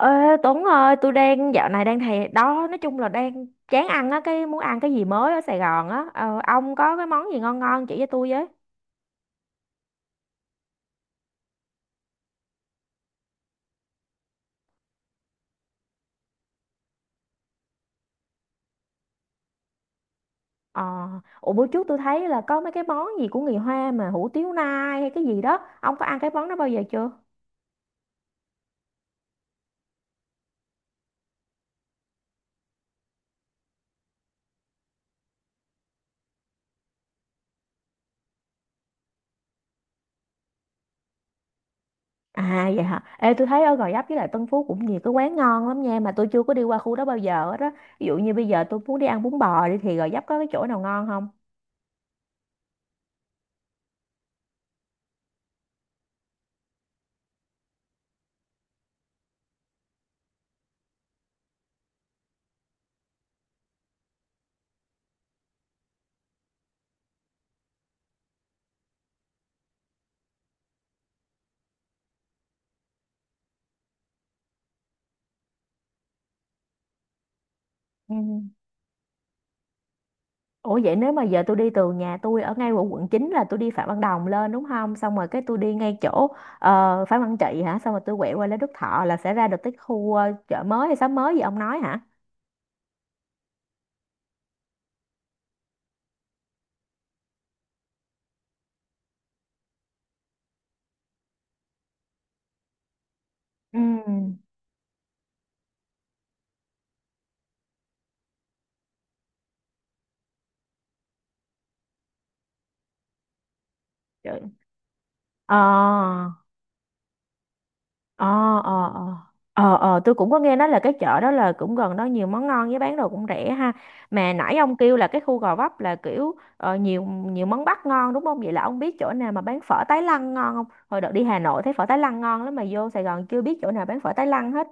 Ê, Tuấn ơi, tôi dạo này đang thèm đó, nói chung là đang chán ăn á, cái muốn ăn cái gì mới ở Sài Gòn á. Ờ, ông có cái món gì ngon ngon chỉ cho tôi với. Ờ, Ủa bữa trước tôi thấy là có mấy cái món gì của người Hoa mà hủ tiếu nai hay cái gì đó. Ông có ăn cái món đó bao giờ chưa? À vậy hả? Ê tôi thấy ở Gò Vấp với lại Tân Phú cũng nhiều cái quán ngon lắm nha, mà tôi chưa có đi qua khu đó bao giờ hết đó. Ví dụ như bây giờ tôi muốn đi ăn bún bò đi thì Gò Vấp có cái chỗ nào ngon không? Ừ. Ủa vậy nếu mà giờ tôi đi từ nhà tôi ở ngay ở quận 9 là tôi đi Phạm Văn Đồng lên đúng không? Xong rồi cái tôi đi ngay chỗ Phạm Văn Trị hả? Xong rồi tôi quẹo qua Lê Đức Thọ là sẽ ra được cái khu chợ mới hay xóm mới gì ông nói hả? Ừ. Trời. Ờ ờ ờ ờ tôi cũng có nghe nói là cái chợ đó là cũng gần đó, nhiều món ngon với bán đồ cũng rẻ ha. Mà nãy ông kêu là cái khu Gò Vấp là kiểu nhiều nhiều món Bắc ngon đúng không? Vậy là ông biết chỗ nào mà bán phở Tái Lăng ngon không? Hồi đợt đi Hà Nội thấy phở Tái Lăng ngon lắm mà vô Sài Gòn chưa biết chỗ nào bán phở Tái Lăng hết.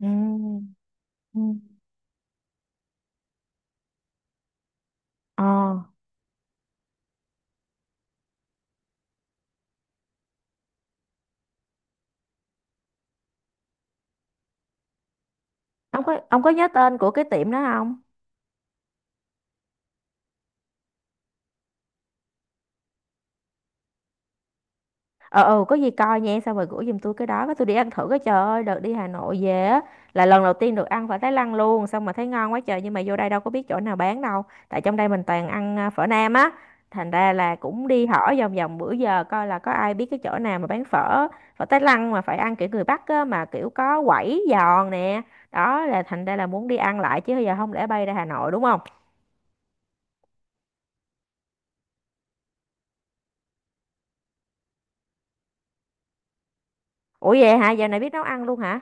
Ừ. Ừ. ờ ông có nhớ tên của cái tiệm đó không? Ờ ừ, có gì coi nha, xong rồi gửi giùm tôi cái đó, cái tôi đi ăn thử. Cái trời ơi, đợt đi Hà Nội về á là lần đầu tiên được ăn phở Thái Lan luôn, xong mà thấy ngon quá trời, nhưng mà vô đây đâu có biết chỗ nào bán đâu. Tại trong đây mình toàn ăn phở Nam á, thành ra là cũng đi hỏi vòng vòng bữa giờ coi là có ai biết cái chỗ nào mà bán phở, phở Thái Lan mà phải ăn kiểu người Bắc á, mà kiểu có quẩy giòn nè. Đó là thành ra là muốn đi ăn lại chứ giờ không lẽ bay ra Hà Nội đúng không? Ủa vậy hả, giờ này biết nấu ăn luôn hả?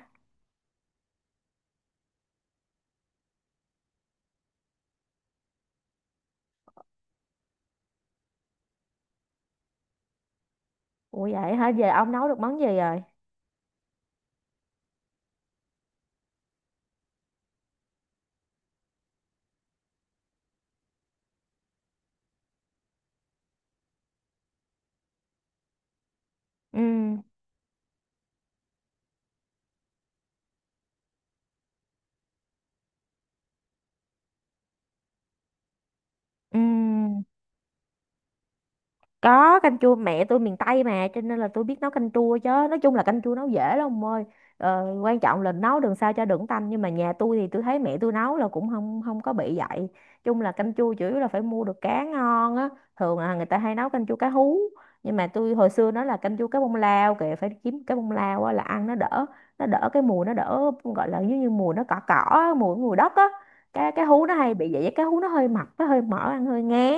Ủa vậy hả, giờ ông nấu được món gì rồi? Ừ. Ừ. Có, canh chua mẹ tôi miền Tây mà, cho nên là tôi biết nấu canh chua chứ. Nói chung là canh chua nấu dễ lắm ông ơi. Ờ, quan trọng là nấu đừng sao cho đừng tanh, nhưng mà nhà tôi thì tôi thấy mẹ tôi nấu là cũng không không có bị vậy. Chung là canh chua chủ yếu là phải mua được cá ngon á. Thường là người ta hay nấu canh chua cá hú. Nhưng mà tôi hồi xưa nó là canh chua cá bông lao kìa, phải kiếm cá bông lao á, là ăn nó đỡ, nó đỡ cái mùi, nó đỡ gọi là giống như mùi nó cỏ cỏ á, mùi mùi đất á. Cái hú nó hay bị vậy, cái hú nó hơi mập, nó hơi mỡ ăn hơi ngán.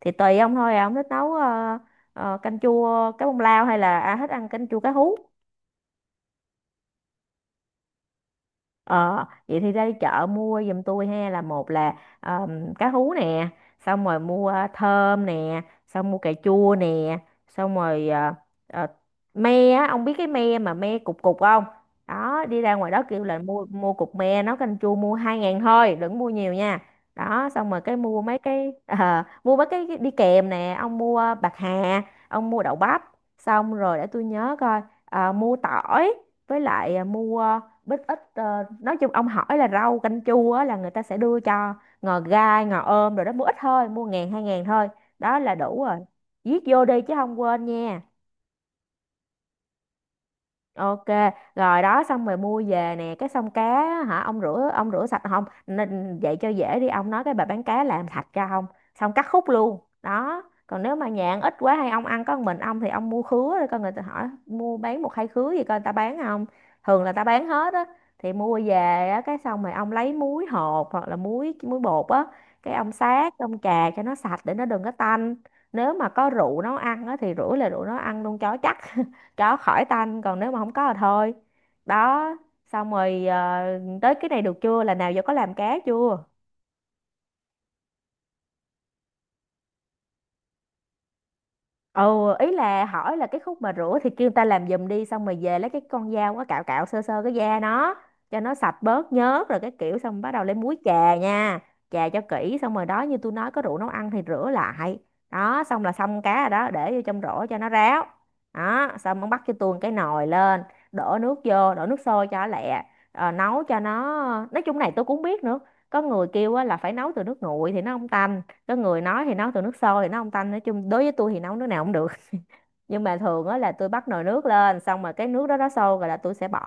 Thì tùy ông thôi à, ông thích nấu canh chua cá bông lao hay là thích ăn canh chua cá hú? Ờ, vậy thì ra đi chợ mua giùm tôi ha, là một là cá hú nè, xong rồi mua thơm nè, xong mua cà chua nè, xong rồi ờ, me á, ông biết cái me mà me cục cục không? Đó, đi ra ngoài đó kêu là mua, mua cục me nấu canh chua mua 2 ngàn thôi, đừng mua nhiều nha. Đó, xong rồi cái mua mấy cái mua mấy cái đi kèm nè, ông mua bạc hà, ông mua đậu bắp, xong rồi để tôi nhớ coi, mua tỏi với lại mua bít ít. Ờ, nói chung ông hỏi là rau canh chua á, là người ta sẽ đưa cho ngò gai ngò ôm rồi đó, mua ít thôi, mua ngàn hai ngàn thôi, đó là đủ rồi. Viết vô đi chứ không quên nha. Ok, rồi đó, xong rồi mua về nè, cái xong cá á, hả ông rửa, ông rửa sạch không? Nên vậy cho dễ đi, ông nói cái bà bán cá làm sạch cho ông, xong cắt khúc luôn. Đó. Còn nếu mà nhạn ít quá hay ông ăn có một mình ông thì ông mua khứa, rồi coi người ta hỏi mua bán một hai khứa gì coi người ta bán không. Thường là ta bán hết á, thì mua về á, cái xong rồi ông lấy muối hột hoặc là muối muối bột á, cái ông sát, ông chà cho nó sạch để nó đừng có tanh. Nếu mà có rượu nấu ăn á thì rửa là rượu nấu ăn luôn cho chắc, đó, khỏi tanh, còn nếu mà không có thì thôi. Đó, xong rồi tới cái này được chưa, là nào giờ có làm cá chưa? Ừ, ý là hỏi là cái khúc mà rửa thì kêu người ta làm giùm đi, xong rồi về lấy cái con dao á cạo cạo sơ sơ cái da nó cho nó sạch bớt nhớt, rồi cái kiểu xong bắt đầu lấy muối chà nha. Chà cho kỹ xong rồi đó, như tôi nói có rượu nấu ăn thì rửa lại. Đó, xong là xong cá rồi đó, để vô trong rổ cho nó ráo. Đó, xong ông bắt cho tôi cái nồi lên, đổ nước vô, đổ nước sôi cho lẹ. Ờ, nấu cho nó Nói chung này tôi cũng không biết nữa, có người kêu á là phải nấu từ nước nguội thì nó không tanh, có người nói thì nấu từ nước sôi thì nấu không tanh. Nói chung đối với tôi thì nấu nước nào cũng được. Nhưng mà thường á là tôi bắt nồi nước lên, xong rồi cái nước đó nó sôi rồi là tôi sẽ bỏ.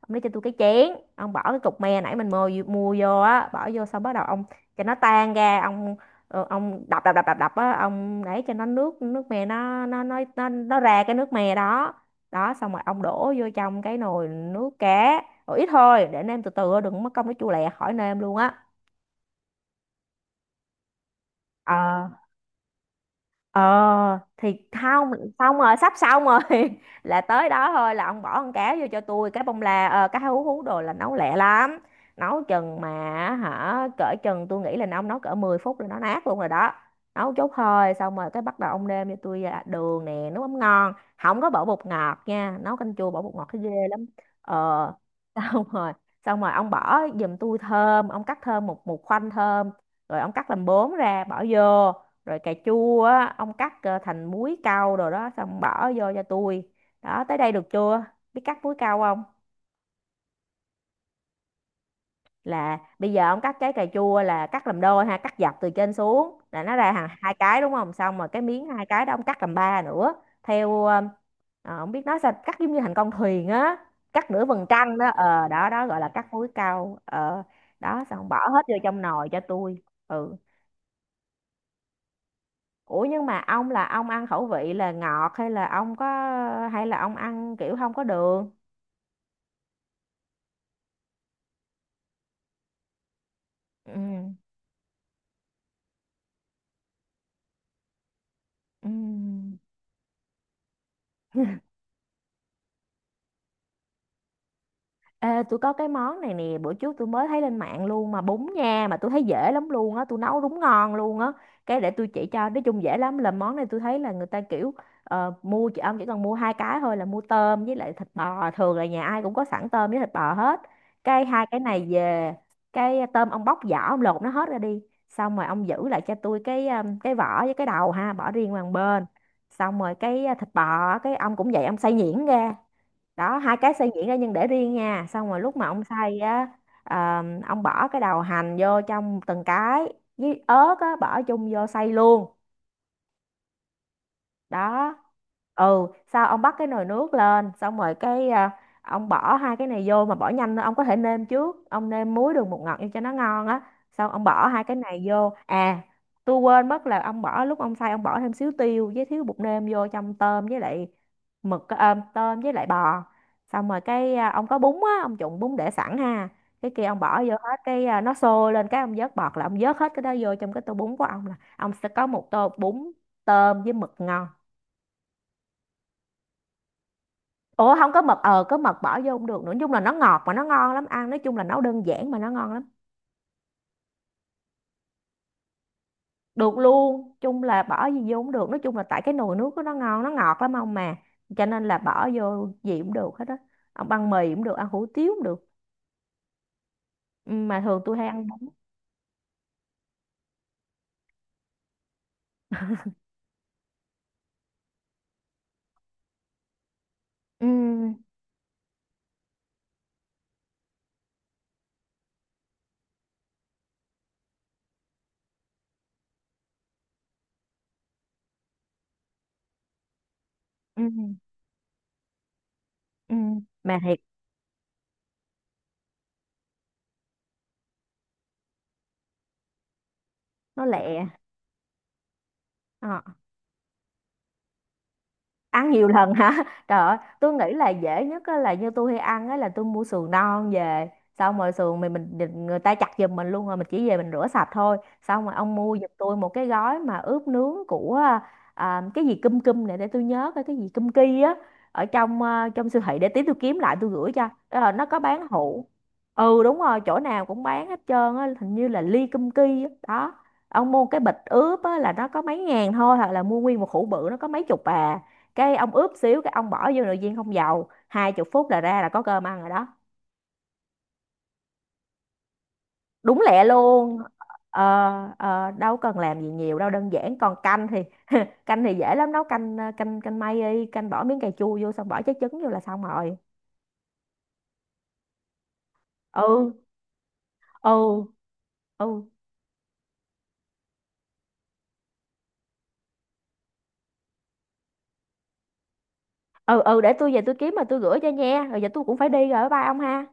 Ông lấy cho tôi cái chén, ông bỏ cái cục me nãy mình mua, mua vô á, bỏ vô, xong bắt đầu ông cho nó tan ra ông. Ờ, ông đập đập đập đập đập á, ông để cho nó nước, nước me nó ra cái nước me đó. Đó, xong rồi ông đổ vô trong cái nồi nước cá, rồi ít thôi để nêm từ từ, đừng mất công nó chua lẹ khỏi nêm luôn á. Ờ ờ thì không, xong rồi sắp xong rồi là tới đó thôi, là ông bỏ con cá vô cho tôi, cái bông la, ờ, cá hú hú đồ là nấu lẹ lắm. Nấu chừng mà hả, cỡ chừng tôi nghĩ là ông nấu cỡ 10 phút là nó nát luôn rồi đó. Nấu chút thôi, xong rồi cái bắt đầu ông nêm cho tôi đường nè, nước mắm ngon, không có bỏ bột ngọt nha, nấu canh chua bỏ bột ngọt thấy ghê lắm. Ờ xong rồi, xong rồi ông bỏ giùm tôi thơm, ông cắt thơm một một khoanh thơm rồi ông cắt làm bốn ra bỏ vô, rồi cà chua á ông cắt thành múi cau, rồi đó xong bỏ vô cho tôi. Đó tới đây được chưa? Biết cắt múi cau không? Là bây giờ ông cắt trái cà chua là cắt làm đôi ha, cắt dọc từ trên xuống là nó ra hàng hai cái đúng không, xong rồi cái miếng hai cái đó ông cắt làm ba nữa, theo không biết nói sao, cắt giống như thành con thuyền á, cắt nửa vầng trăng đó, đó đó gọi là cắt múi cau ờ Đó xong bỏ hết vô trong nồi cho tôi. Ừ. Ủa nhưng mà ông là ông ăn khẩu vị là ngọt, hay là ông có, hay là ông ăn kiểu không có đường? Ừ. Ừ. Ê, tôi có cái món này nè, bữa trước tôi mới thấy lên mạng luôn mà bún nha, mà tôi thấy dễ lắm luôn á, tôi nấu đúng ngon luôn á, cái để tôi chỉ cho, nói chung dễ lắm. Là món này tôi thấy là người ta kiểu mua chị, ông chỉ cần mua hai cái thôi, là mua tôm với lại thịt bò, thường là nhà ai cũng có sẵn tôm với thịt bò hết, cái hai cái này về, cái tôm ông bóc vỏ, ông lột nó hết ra đi, xong rồi ông giữ lại cho tôi cái vỏ với cái đầu ha, bỏ riêng qua một bên, xong rồi cái thịt bò á, cái ông cũng vậy, ông xay nhuyễn ra. Đó, hai cái xay nhuyễn ra nhưng để riêng nha, xong rồi lúc mà ông xay á, ờ, ông bỏ cái đầu hành vô trong từng cái với ớt á, bỏ chung vô xay luôn. Đó. Ừ, sau ông bắt cái nồi nước lên, xong rồi cái ông bỏ hai cái này vô, mà bỏ nhanh nữa, ông có thể nêm trước, ông nêm muối đường bột ngọt vô cho nó ngon á, xong ông bỏ hai cái này vô. Tôi quên mất là ông bỏ lúc ông xay, ông bỏ thêm xíu tiêu với xíu bột nêm vô trong tôm với lại mực, tôm với lại bò, xong rồi cái ông có bún á, ông trụng bún để sẵn ha, cái kia ông bỏ vô hết, cái nó sôi lên cái ông vớt bọt, là ông vớt hết cái đó vô trong cái tô bún của ông, là ông sẽ có một tô bún tôm với mực ngon. Ủa không có mật, có mật bỏ vô không được nữa, nói chung là nó ngọt mà nó ngon lắm ăn, nói chung là nấu đơn giản mà nó ngon lắm. Được luôn, chung là bỏ gì vô cũng được, nói chung là tại cái nồi nước của nó ngon nó ngọt lắm ông, mà cho nên là bỏ vô gì cũng được hết á, ông ăn mì cũng được, ăn hủ tiếu cũng được. Ừ, mà thường tôi hay ăn bánh. Ừ, ừ, ừ, mà thiệt nó lẹ. Ờ. Ăn nhiều lần hả? Trời ơi tôi nghĩ là dễ nhất á, là như tôi hay ăn á là tôi mua sườn non về, xong rồi sườn mình định- người ta chặt giùm mình luôn, rồi mình chỉ về mình rửa sạch thôi, xong rồi ông mua giùm tôi một cái gói mà ướp nướng của cái gì cum cum này, để tôi nhớ coi, cái gì cum ki á, ở trong trong siêu thị, để tí tôi kiếm lại tôi gửi cho. Đó là nó có bán hũ. Ừ đúng rồi, chỗ nào cũng bán hết trơn á, hình như là ly cum ki á đó, ông mua cái bịch ướp á là nó có mấy ngàn thôi, hoặc là mua nguyên một hũ bự nó có mấy chục à. Cái ông ướp xíu, cái ông bỏ vô nồi chiên không dầu 20 phút là ra là có cơm ăn rồi đó. Đúng lẹ luôn. ờ, Đâu cần làm gì nhiều đâu, đơn giản. Còn canh thì canh thì dễ lắm, nấu canh canh canh mây đi, canh bỏ miếng cà chua vô, xong bỏ trái trứng vô là xong rồi. Ừ, ừ, ừ, ừ, ừ, để tôi về tôi kiếm mà tôi gửi cho nha, rồi giờ tôi cũng phải đi rồi, bye bye ông ha.